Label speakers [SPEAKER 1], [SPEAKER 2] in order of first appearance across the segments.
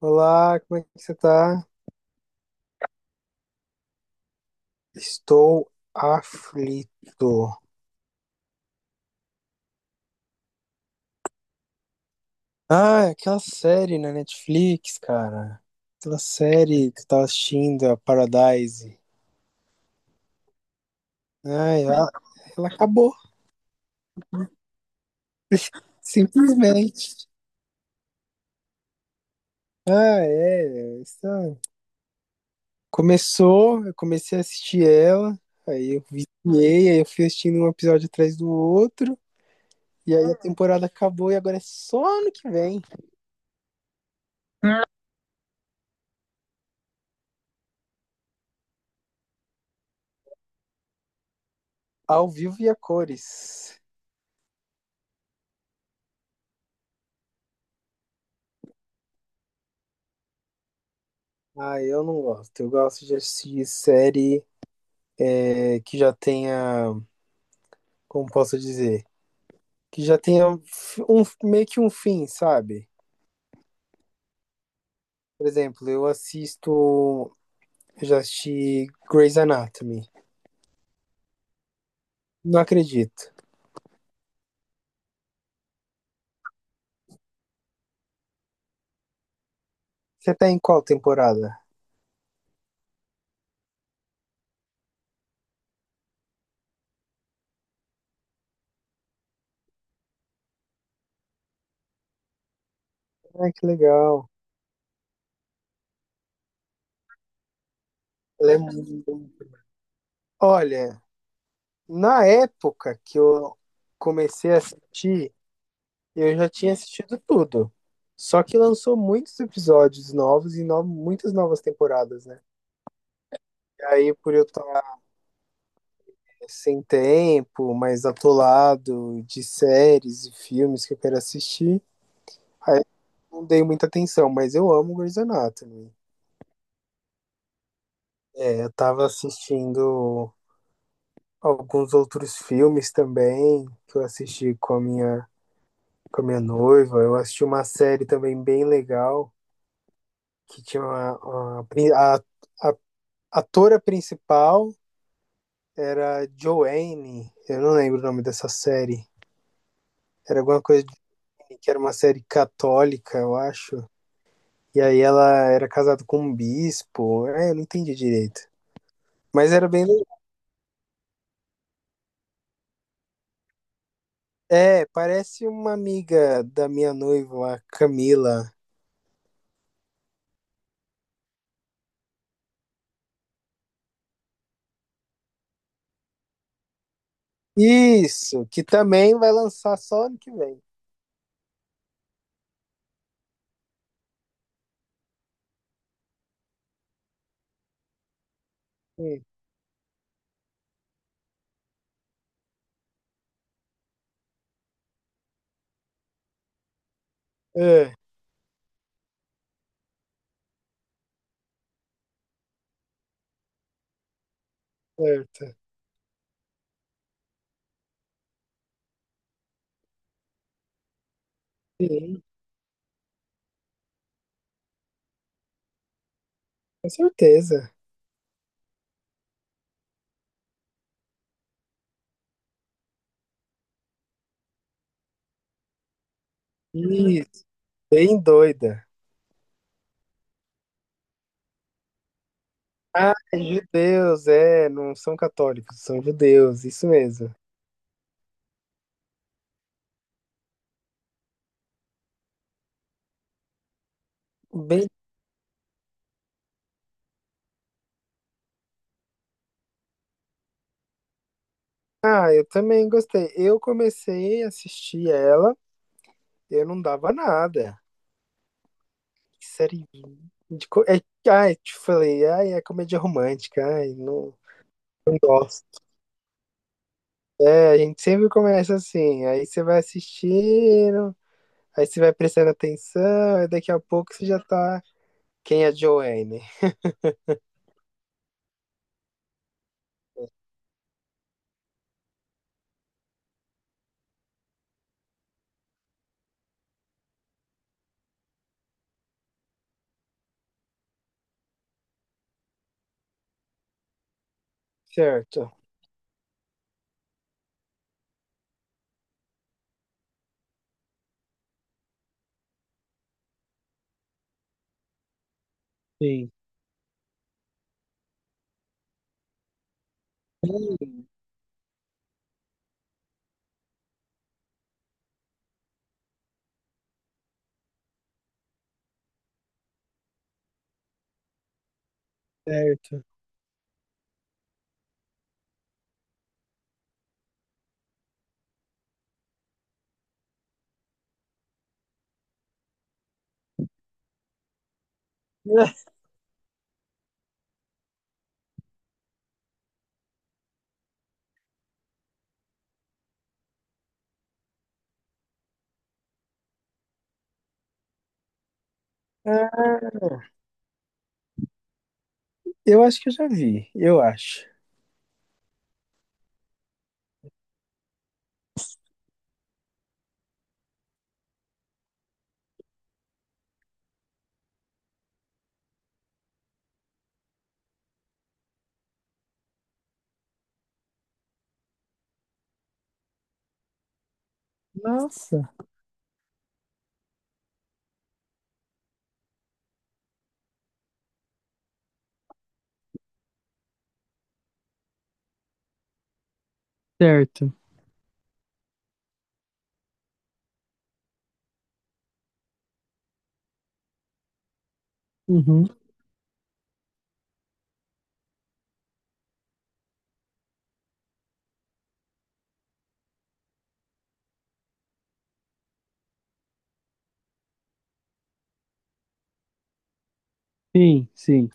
[SPEAKER 1] Olá, como é que você tá? Estou aflito. Ah, é aquela série na Netflix, cara. Aquela série que eu tava assistindo, a Paradise. Ai, ela acabou, simplesmente. Ah, é. É isso é. Começou, eu comecei a assistir ela, aí eu viciei, aí eu fui assistindo um episódio atrás do outro, e aí a temporada acabou e agora é só ano que vem, ao vivo e a cores. Ah, eu não gosto. Eu gosto de assistir série é, que já tenha, como posso dizer, que já tenha um, meio que um fim, sabe? Por exemplo, eu assisto, eu já assisti Grey's Anatomy. Não acredito. Você tá em qual temporada? Ah, que legal. Ela é muito- Olha, na época que eu comecei a assistir, eu já tinha assistido tudo. Só que lançou muitos episódios novos muitas novas temporadas, né? Aí, por eu estar sem tempo, mais atolado de séries e filmes que eu quero assistir, aí eu não dei muita atenção, mas eu amo Grey's Anatomy. É, eu tava assistindo alguns outros filmes também, que eu assisti com a minha noiva. Eu assisti uma série também bem legal, que tinha uma, a atora principal era Joanne, eu não lembro o nome dessa série. Era alguma coisa que era uma série católica, eu acho. E aí ela era casada com um bispo. É, eu não entendi direito. Mas era bem. É, parece uma amiga da minha noiva, a Camila. Isso, que também vai lançar só ano que vem. Sim. É, certo. Sim, com certeza. Isso, bem doida. Ah, judeus, é, não são católicos, são judeus, isso mesmo. Bem, ah, eu também gostei. Eu comecei a assistir ela. Eu não dava nada. Que série. É, ai, te falei, ai, é comédia romântica, ai, não, não gosto. É, a gente sempre começa assim, aí você vai assistindo, aí você vai prestando atenção, e daqui a pouco você já tá. Quem é Joanne? Certo. Sim. Hum, certo. Ah, eu acho que eu já vi, eu acho. Nossa. Certo. Uhum. Sim, sim.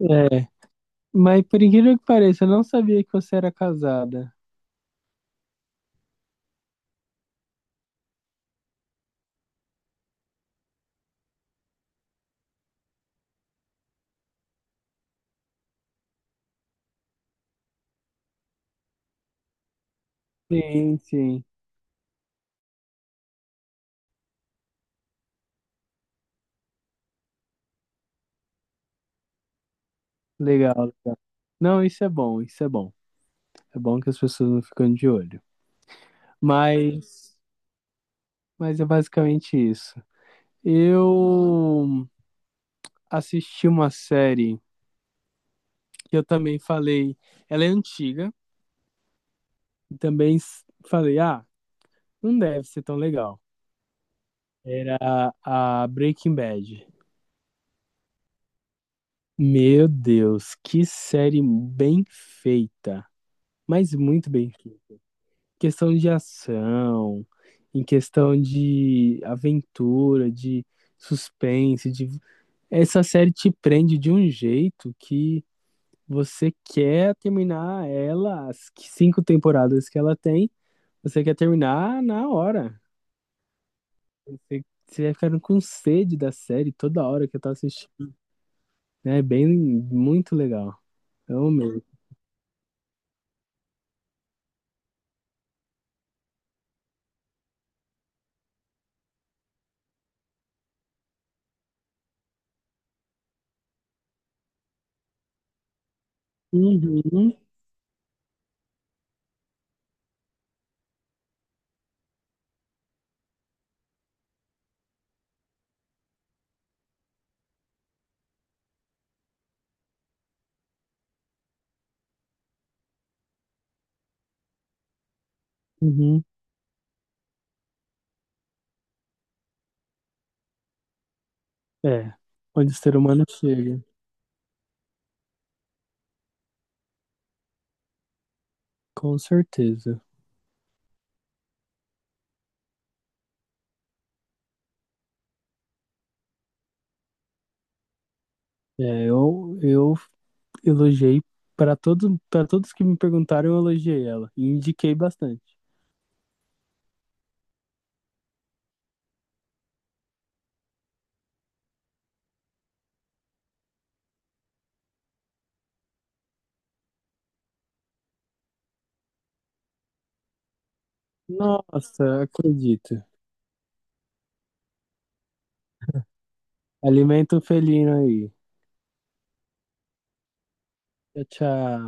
[SPEAKER 1] É. Mas por incrível que pareça, eu não sabia que você era casada. Sim, sim. Legal, legal. Não, isso é bom, isso é bom. É bom que as pessoas não ficam de olho. Mas, mas é basicamente isso. Eu assisti uma série que eu também falei, ela é antiga, e também falei, ah, não deve ser tão legal. Era a Breaking Bad. Meu Deus, que série bem feita, mas muito bem questão de ação, em questão de aventura, de suspense, de... essa série te prende de um jeito que você quer terminar ela, as 5 temporadas que ela tem, você quer terminar na hora. Você vai ficando com sede da série toda hora que eu tô assistindo. Né? É bem, muito legal. Eu mesmo. Uhum, uhum. É, onde o ser humano chega, com certeza. É, eu elogiei para todos que me perguntaram, eu elogiei ela e indiquei bastante. Nossa, acredito. Alimento felino aí. Tchau, tchau.